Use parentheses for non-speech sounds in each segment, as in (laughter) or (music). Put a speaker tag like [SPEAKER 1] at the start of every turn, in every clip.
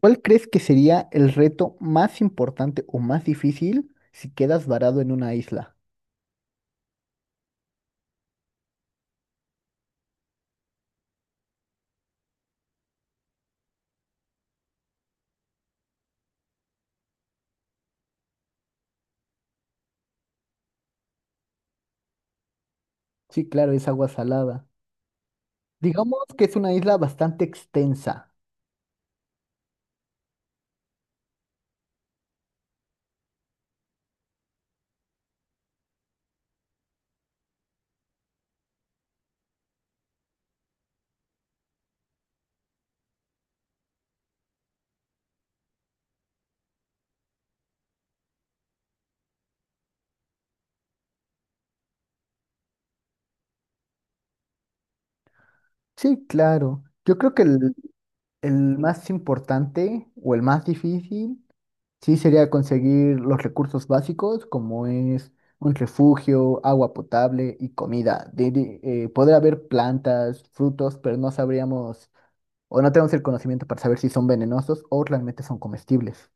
[SPEAKER 1] ¿Cuál crees que sería el reto más importante o más difícil si quedas varado en una isla? Sí, claro, es agua salada. Digamos que es una isla bastante extensa. Sí, claro. Yo creo que el más importante o el más difícil sí sería conseguir los recursos básicos como es un refugio, agua potable y comida. Poder haber plantas, frutos, pero no sabríamos o no tenemos el conocimiento para saber si son venenosos o realmente son comestibles.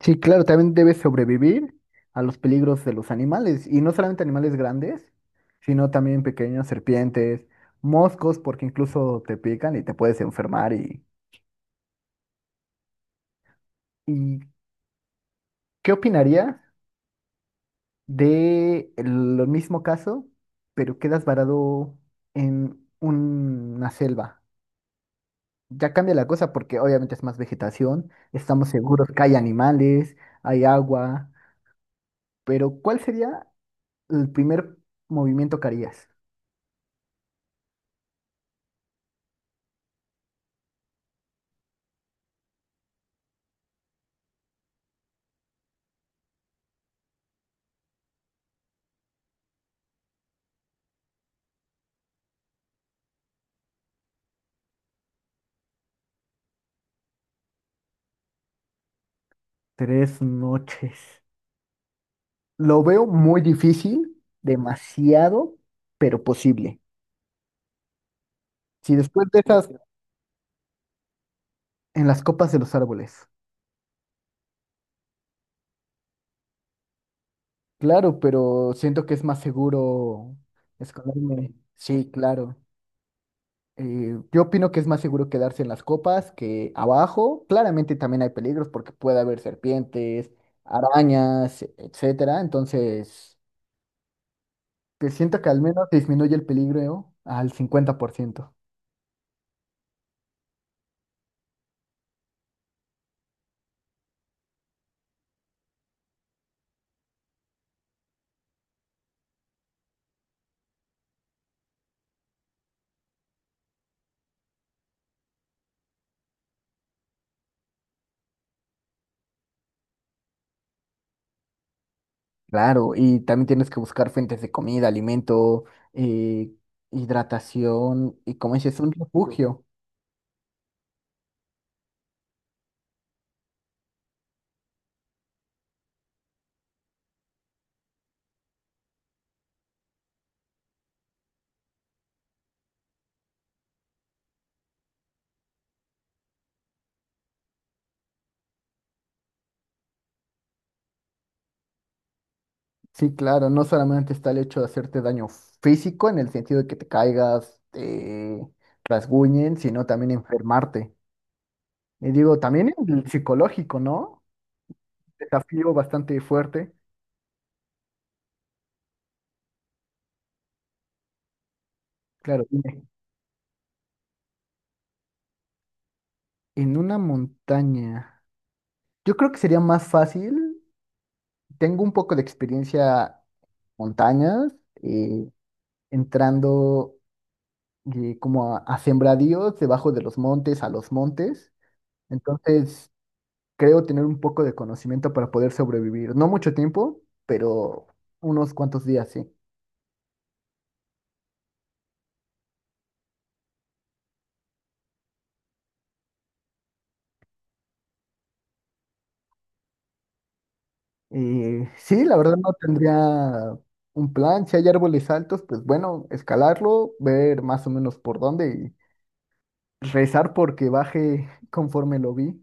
[SPEAKER 1] Sí, claro, también debe sobrevivir a los peligros de los animales, y no solamente animales grandes, sino también pequeñas serpientes, moscos, porque incluso te pican y te puedes enfermar. ¿Y qué opinarías de el mismo caso, pero quedas varado en una selva? Ya cambia la cosa porque obviamente es más vegetación, estamos seguros que hay animales, hay agua, pero ¿cuál sería el primer movimiento que harías? 3 noches. Lo veo muy difícil, demasiado, pero posible. Si después de esas, en las copas de los árboles. Claro, pero siento que es más seguro esconderme. Sí, claro. Yo opino que es más seguro quedarse en las copas que abajo. Claramente también hay peligros porque puede haber serpientes, arañas, etcétera. Entonces, que siento que al menos disminuye el peligro al 50%. Claro, y también tienes que buscar fuentes de comida, alimento, eh, hidratación y como dices, un refugio. Sí, claro, no solamente está el hecho de hacerte daño físico en el sentido de que te caigas, te rasguñen, sino también enfermarte. Y digo, también el psicológico, ¿no? Desafío bastante fuerte. Claro, dime, en una montaña. Yo creo que sería más fácil. Tengo un poco de experiencia en montañas, eh, entrando y como a sembradíos debajo de los montes, a los montes. Entonces, creo tener un poco de conocimiento para poder sobrevivir. No mucho tiempo, pero unos cuantos días, sí. Y sí, la verdad no tendría un plan. Si hay árboles altos, pues bueno, escalarlo, ver más o menos por dónde y rezar porque baje (laughs) conforme lo vi.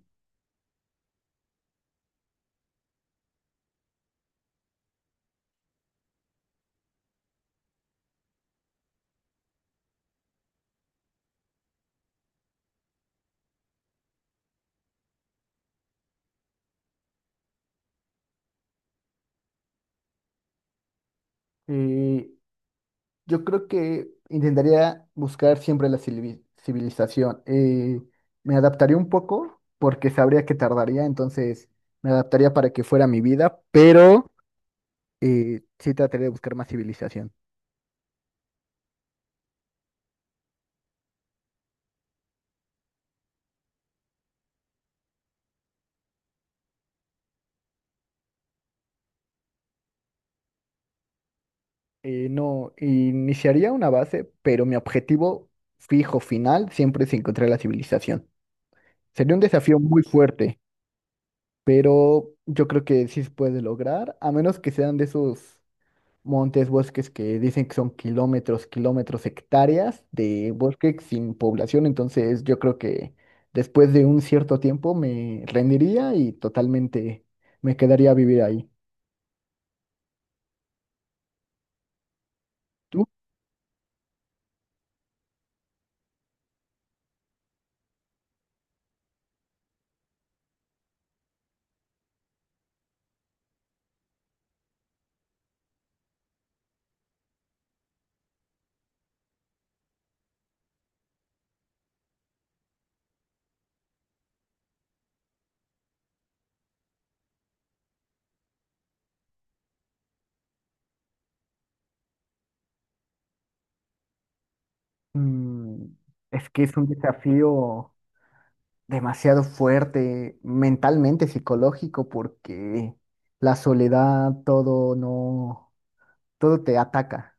[SPEAKER 1] Eh, Yo creo que intentaría buscar siempre la civilización. Me adaptaría un poco porque sabría que tardaría, entonces me adaptaría para que fuera mi vida, pero sí trataría de buscar más civilización. No, iniciaría una base, pero mi objetivo fijo final siempre es encontrar la civilización. Sería un desafío muy fuerte, pero yo creo que sí se puede lograr, a menos que sean de esos montes, bosques que dicen que son kilómetros, kilómetros, hectáreas de bosque sin población. Entonces yo creo que después de un cierto tiempo me rendiría y totalmente me quedaría a vivir ahí. ¿Tú? Mm, es que es un desafío demasiado fuerte mentalmente, psicológico, porque la soledad, todo no, todo te ataca.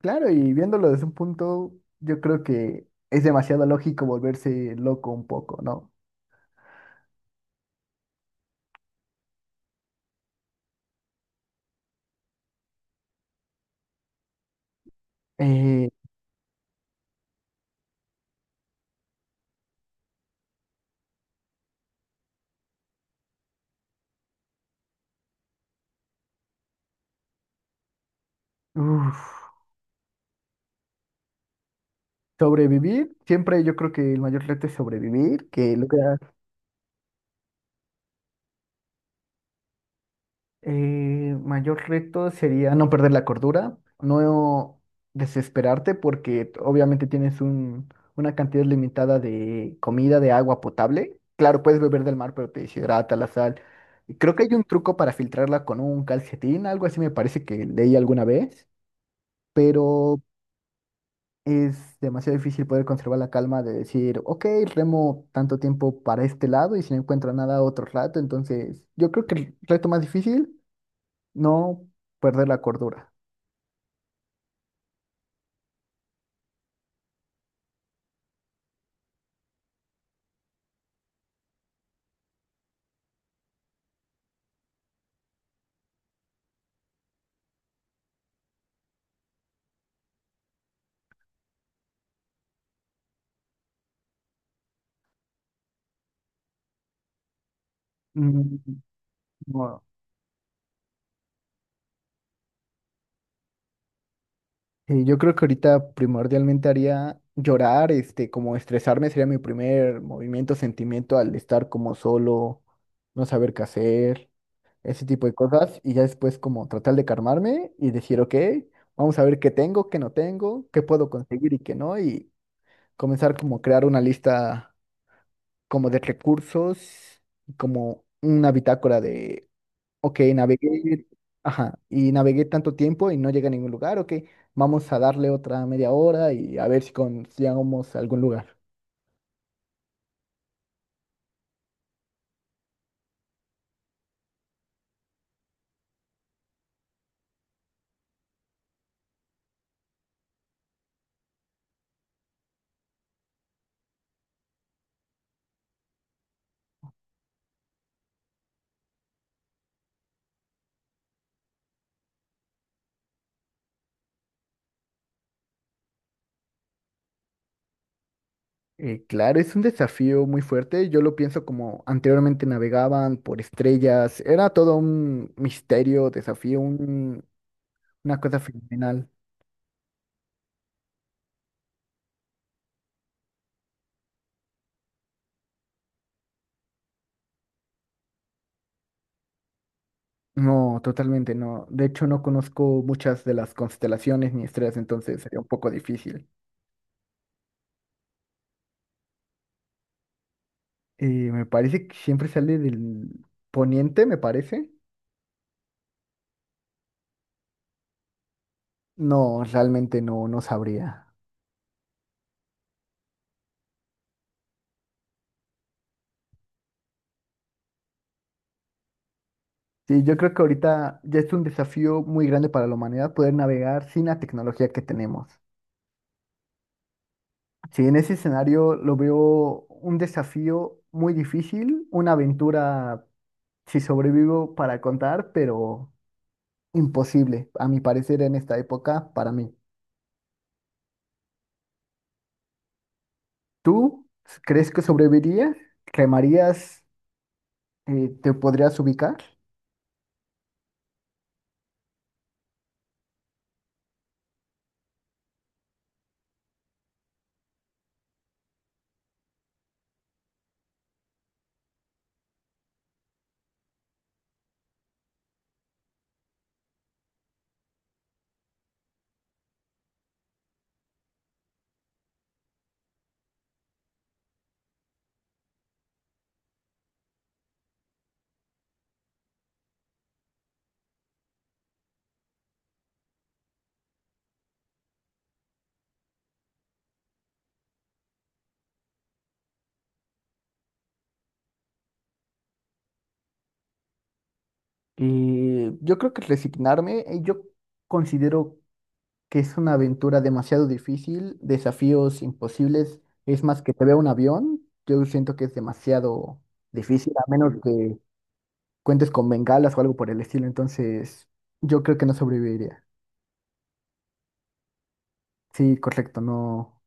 [SPEAKER 1] Claro, y viéndolo desde un punto, yo creo que es demasiado lógico volverse loco un poco, ¿no? Eh, Uf, sobrevivir, siempre yo creo que el mayor reto es sobrevivir, que lo que mayor reto sería no perder la cordura, no desesperarte porque obviamente tienes un, una cantidad limitada de comida, de agua potable. Claro, puedes beber del mar, pero te deshidrata la sal. Y creo que hay un truco para filtrarla con un calcetín, algo así me parece que leí alguna vez. Pero es demasiado difícil poder conservar la calma de decir, ok, remo tanto tiempo para este lado y si no encuentro nada otro rato, entonces yo creo que el reto más difícil, no perder la cordura. Mm, no. Yo creo que ahorita primordialmente haría llorar, este, como estresarme sería mi primer movimiento, sentimiento al estar como solo, no saber qué hacer. Ese tipo de cosas y ya después como tratar de calmarme y decir, ok, vamos a ver qué tengo, qué no tengo, qué puedo conseguir y qué no, y comenzar como a crear una lista como de recursos, y como una bitácora de, ok, navegué, ajá, y navegué tanto tiempo y no llegué a ningún lugar, ok, vamos a darle otra media hora y a ver si llegamos a algún lugar. Claro, es un desafío muy fuerte. Yo lo pienso como anteriormente navegaban por estrellas. Era todo un misterio, desafío, una cosa fenomenal. No, totalmente no. De hecho, no conozco muchas de las constelaciones ni estrellas, entonces sería un poco difícil. Me parece que siempre sale del poniente, me parece. No, realmente no, no sabría. Sí, yo creo que ahorita ya es un desafío muy grande para la humanidad poder navegar sin la tecnología que tenemos. Sí, en ese escenario lo veo un desafío muy difícil, una aventura, si sobrevivo, para contar, pero imposible, a mi parecer, en esta época para mí. ¿Tú crees que sobrevivirías? ¿Remarías? ¿Te podrías ubicar? Y yo creo que resignarme, yo considero que es una aventura demasiado difícil, desafíos imposibles. Es más que te vea un avión, yo siento que es demasiado difícil, a menos que cuentes con bengalas o algo por el estilo, entonces yo creo que no sobreviviría. Sí, correcto, no.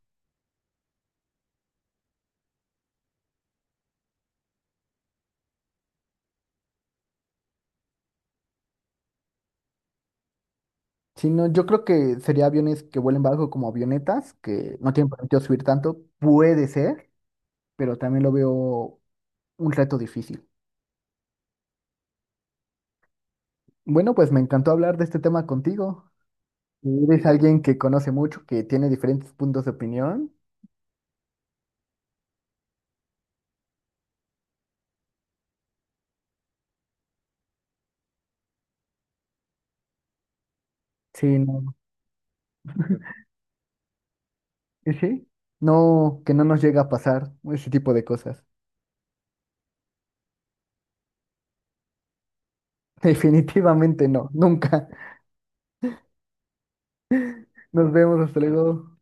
[SPEAKER 1] Sí, no, yo creo que sería aviones que vuelen bajo como avionetas, que no tienen permitido subir tanto, puede ser, pero también lo veo un reto difícil. Bueno, pues me encantó hablar de este tema contigo. Eres alguien que conoce mucho, que tiene diferentes puntos de opinión. Sí, no. Y sí. No, que no nos llega a pasar ese tipo de cosas. (laughs) Definitivamente no, nunca. Nos vemos, hasta luego.